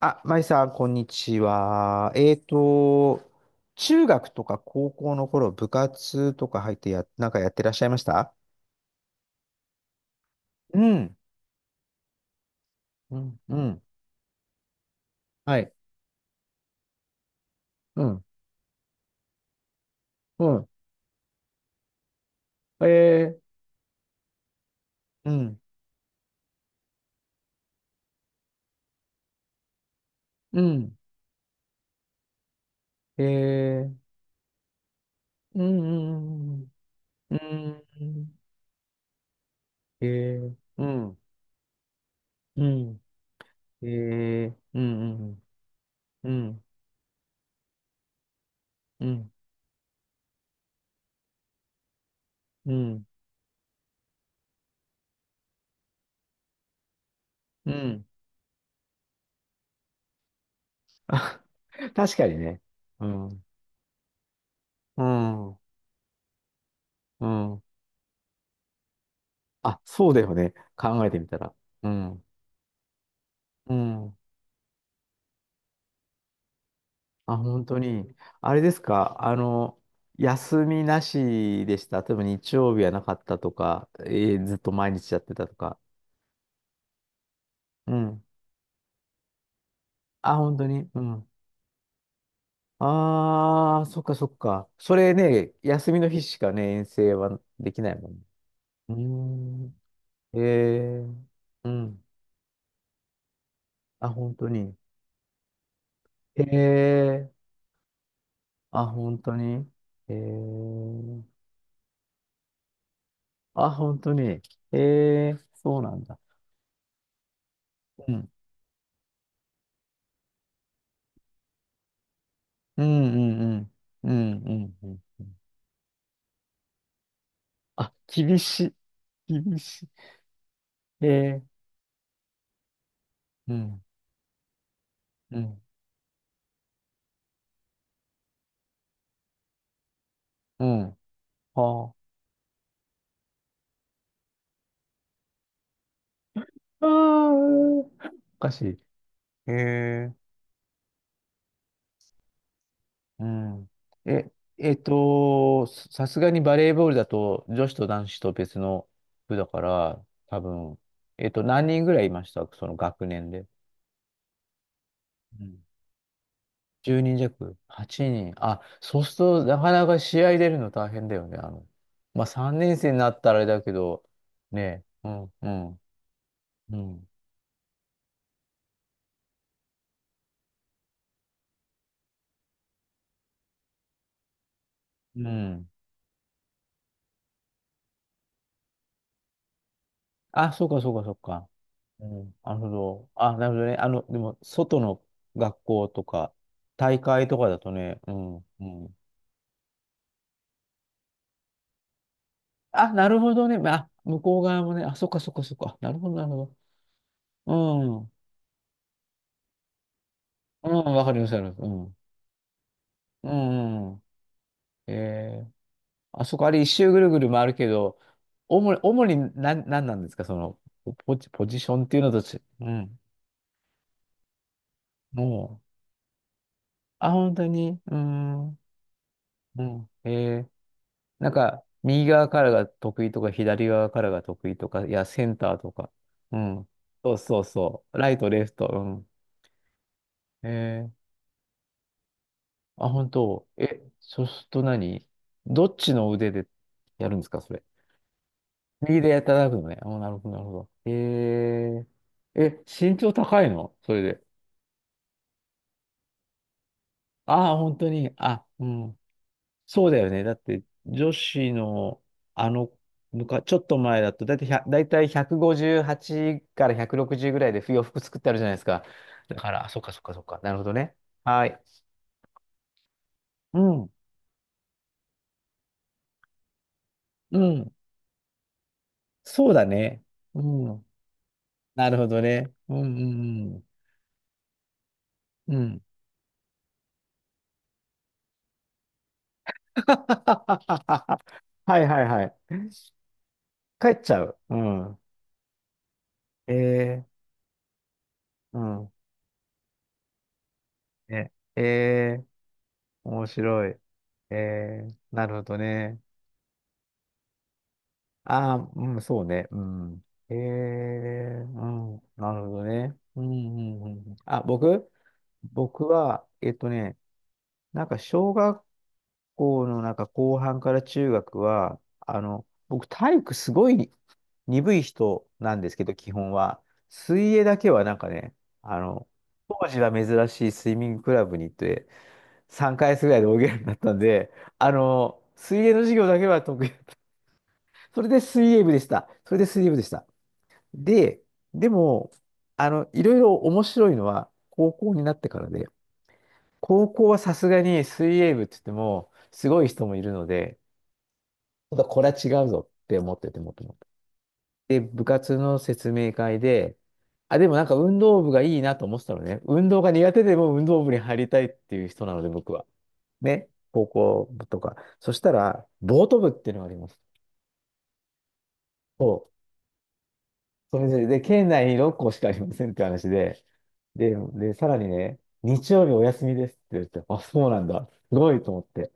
あ、まいさん、こんにちは。中学とか高校の頃、部活とか入ってなんかやってらっしゃいました？うん、うん、うん。はい。うん、うん。えー、うん、うん、えー、うん、うん、うん、えー、うん、うん、えー、うん、うん、うん、うん、うん。うん。あ、確かにね。うん、うん、うん。あ、そうだよね。考えてみたら。うん。うん。あ、本当に。あれですか。休みなしでした？例えば日曜日はなかったとか、ずっと毎日やってたとか。うん。あ、本当に。うん。ああ、そっかそっか。それね、休みの日しかね、遠征はできないもんね。うーん。えー。うん。あ、本当に。えー。あ、本当に。えー。あ、本当に。ええ、そうなんだ。うん。うんうんうん。うんうんうんうん。あ、厳しい。厳しい。ええ。うん。うん。うん。はあ。あー、おかしい。ええ。うん。え、ささすがにバレーボールだと女子と男子と別の部だから、多分、何人ぐらいいましたその学年で？10人弱、8人。あ、そうすると、なかなか試合出るの大変だよね。まあ、3年生になったらあれだけど、ね、うん、うん、うん、うん。あ、そうか、そうか、そうか。うん、なるほど。あ、なるほどね。でも、外の学校とか、大会とかだとね。うん、うん。あ、なるほどね。まあ、向こう側もね、あ、そっか、そっか、そっか。なるほど、なるほど。うん、うん、わかります、わかります。うん、うん、うん。え、あそこ、あれ一周ぐるぐる回るけど、主に何なんですか、その、ポジションっていうのとち、うん。もう、あ、本当に、うーん、うん。えー、なんか、右側からが得意とか、左側からが得意とか、いや、センターとか。うん。そうそうそう。ライト、レフト、うん。えー、あ、本当。え、そうすると何、どっちの腕でやるんですか、それ？右でやっていただくのね。お、なるほど、なるほど。えー、え、身長高いのそれで？ああ、本当に。あ、うん。そうだよね。だって、女子の、あの、ちょっと前だと、だいたい100、だいたい5 8から160ぐらいで洋服作ってあるじゃないですか。だから、あ、そっかそっかそっか。なるほどね。はい。うん。うん。そうだね。うん。なるほどね。うんうんうん。うん。はいはいはい。帰っちゃう。うん。えー。うん。ね。えー、面白い。えー、なるほどね。ああ、うん、そうね。うん。えー、うん、なるほどね。うん、うん、うん。あ、僕は、なんか小学校のなんか後半から中学は、あの、僕体育すごい鈍い人なんですけど、基本は。水泳だけはなんかね、あの、当時は珍しいスイミングクラブに行って、3回月ぐらいで泳げるようになったんで、あの、水泳の授業だけは得意だった。それで水泳部でした。それで水泳部でした。で、でも、あの、いろいろ面白いのは高校になってからで、高校はさすがに水泳部って言っても、すごい人もいるので、ちょっとこれは違うぞって思ってて、もともと。で、部活の説明会で、あ、でもなんか運動部がいいなと思ってたのね。運動が苦手でも運動部に入りたいっていう人なので、僕は。ね、高校部とか。そしたら、ボート部っていうのがあります。そう。それで、で、県内に6校しかありませんって話で、で、で、さらにね、日曜日お休みですって言って、あ、そうなんだ。すごいと思って。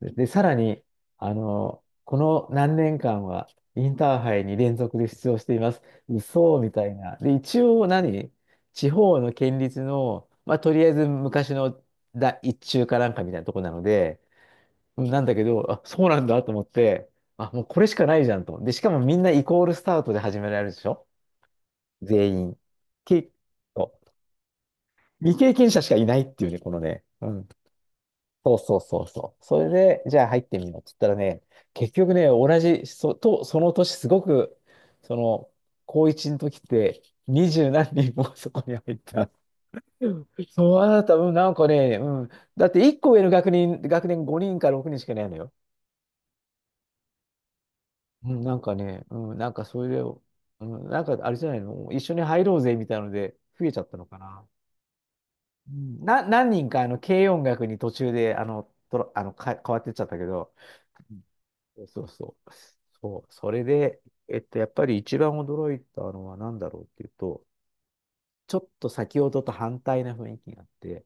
で、さらに、あの、この何年間はインターハイに連続で出場しています。嘘みたいな。で、一応何地方の県立の、まあ、とりあえず昔のだ一中かなんかみたいなとこなので、なんだけど、あ、そうなんだと思って、あ、もうこれしかないじゃんと。で、しかもみんなイコールスタートで始められるでしょ？全員。け、そう、未経験者しかいないっていうね、このね。うん。そうそうそうそう。それで、じゃあ入ってみようって言ったらね、結局ね、同じ、そ、と、その年すごく、その、高一の時って、二十何人もそこに入った。そう、あなた、うん、なんかね、うん。だって一個上の学年、学年5人か6人しかいないのよ。うん、なんかね、うん、なんかそれで、うん、なんかあれじゃないの、一緒に入ろうぜみたいなので、増えちゃったのかな。うん、な、何人かあの軽音楽に途中であのとろあのか変わってっちゃったけど、うん、そうそう、そう、それで、やっぱり一番驚いたのは何だろうっていうと、ちょっと先ほどと反対な雰囲気があって、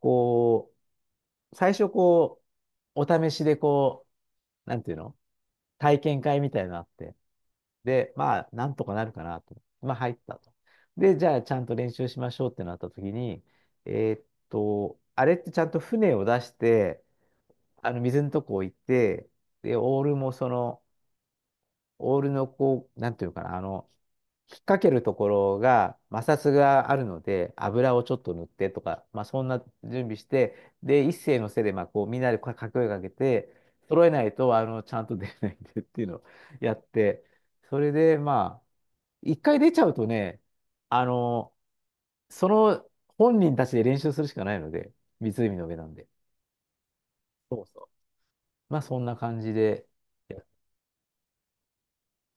こう、最初こう、お試しでこう、なんていうの、体験会みたいなのあって、で、まあ、なんとかなるかなと。まあ、入ったと。で、じゃあ、ちゃんと練習しましょうってなった時に、えーっと、あれってちゃんと船を出して、あの、水のとこ置いて、で、オールもその、オールのこう、なんていうかな、あの、引っ掛けるところが摩擦があるので、油をちょっと塗ってとか、まあ、そんな準備して、で、一斉のせいで、まあ、こう、みんなで掛け声かけて、揃えないと、あの、ちゃんと出ないんでっていうのをやって、それで、まあ、一回出ちゃうとね、あの、その本人たちで練習するしかないので、湖の上なんで。そうそう。まあそんな感じで、いや、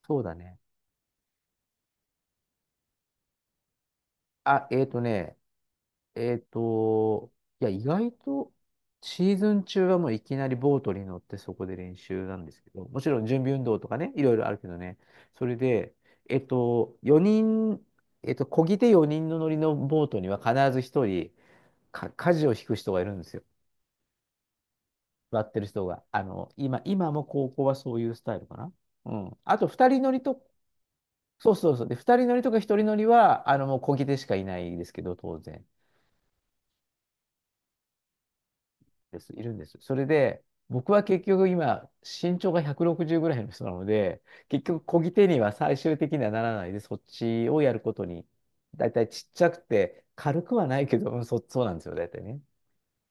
そうだね。あ、えっとね、えっと、いや、意外とシーズン中はもういきなりボートに乗ってそこで練習なんですけど、もちろん準備運動とかね、いろいろあるけどね、それで、えっと、4人、えっと、漕ぎ手4人の乗りのボートには必ず1人か、舵を引く人がいるんですよ。座ってる人が。あの、今、今も高校はそういうスタイルかな。うん。あと、二人乗りと、そうそうそう。で、二人乗りとか一人乗りは、あの、もう漕ぎ手しかいないですけど、当然です。いるんです。それで、僕は結局今、身長が160ぐらいの人なので、結局漕ぎ手には最終的にはならないで、そっちをやることに、だいたいちっちゃくて、軽くはないけど、うん、そ、そうなんですよ、だいたいね。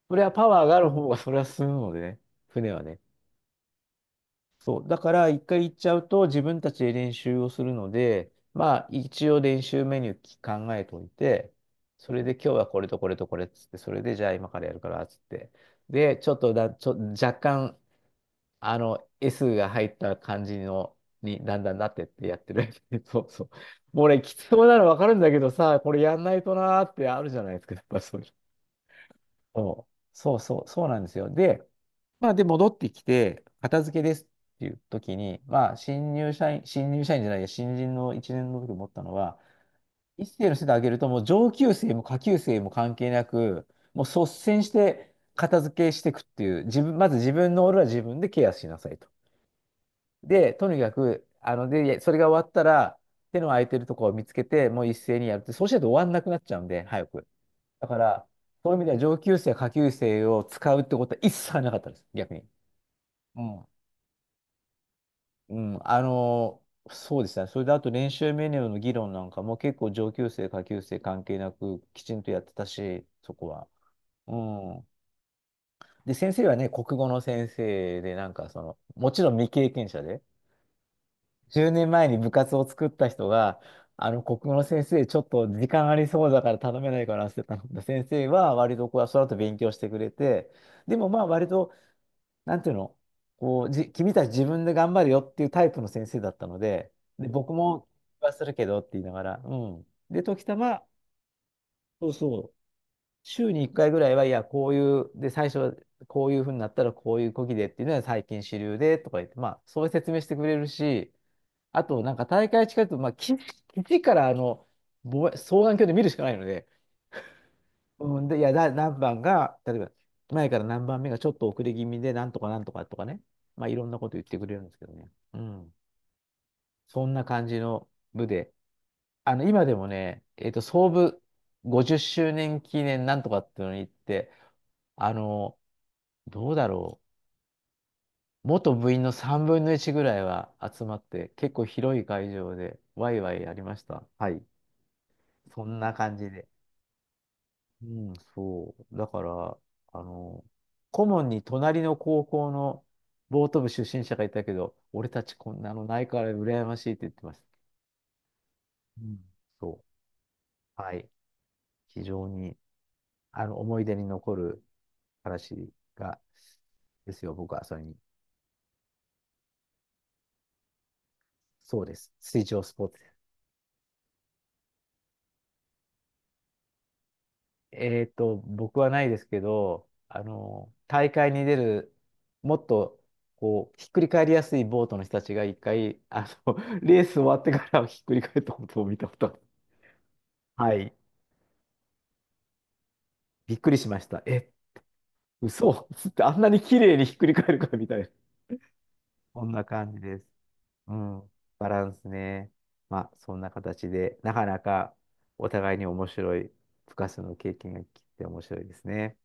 それはパワーがある方が、それは進むのでね、船はね。そう。だから、一回行っちゃうと自分たちで練習をするので、まあ、一応練習メニュー考えておいて、それで今日はこれとこれとこれっつって、それでじゃあ今からやるからっつって。で、ちょっとだ、ちょ、若干、S が入った感じの、にだんだんなってってやってる。そうそう。もう俺、きつそうなの分かるんだけどさ、これやんないとなーってあるじゃないですか、やっぱそういう。そう、そうそう、そうなんですよ。で、まあ、で、戻ってきて、片付けですっていう時に、まあ、新入社員、新入社員じゃないや、新人の1年の時思ったのは、一世の世で上げると、もう上級生も下級生も関係なく、もう率先して片付けしていくっていう、自分、まず自分の俺は自分でケアしなさいと。で、とにかく、で、それが終わったら、手の空いてるところを見つけて、もう一斉にやるって、そうしないと終わんなくなっちゃうんで、早く。だから、そういう意味では上級生、下級生を使うってことは一切なかったです、逆に。うん。うん、そうですね。それであと練習メニューの議論なんかも結構上級生、下級生関係なくきちんとやってたし、そこは。うん。で、先生はね、国語の先生で、なんかその、もちろん未経験者で、10年前に部活を作った人が、国語の先生、ちょっと時間ありそうだから頼めないからって頼んだ先生は、割とこう、その後勉強してくれて、でもまあ、割となんていうの、こう、君たち自分で頑張るよっていうタイプの先生だったので、で、僕もはするけどって言いながら、うん。で、時たま、そうそう、週に1回ぐらいは、いや、こういう、で、最初はこういうふうになったらこういうこぎでっていうのは最近主流でとか言って、まあ、そういう説明してくれるし、あと、なんか大会近いと、まあ、基地から望遠鏡で見るしかないので、うん、で、いや、何番が、例えば、前から何番目がちょっと遅れ気味で、なんとかなんとかとかね。まあ、いろんなこと言ってくれるんですけどね。うん。そんな感じの部で。今でもね、創部50周年記念なんとかっていうのに行って、あの、どうだろう。元部員の3分の1ぐらいは集まって、結構広い会場で、ワイワイやりました。はい。そんな感じで。うん、そう。だから、あの、顧問に隣の高校のボート部出身者がいたけど、俺たちこんなのないから羨ましいって言ってました。うん、そう。はい。非常に、思い出に残る話が、ですよ。僕はそれに。そうです。水上スポーツです。僕はないですけど、大会に出る、もっと、こう、ひっくり返りやすいボートの人たちが一回、レース終わってからひっくり返ったことを見たことある。はい。びっくりしました。え、嘘つって あんなに綺麗にひっくり返るかみたいな。こんな感じです。うん。バランスね。まあ、そんな形で、なかなかお互いに面白い、深さの経験が聞いて面白いですね。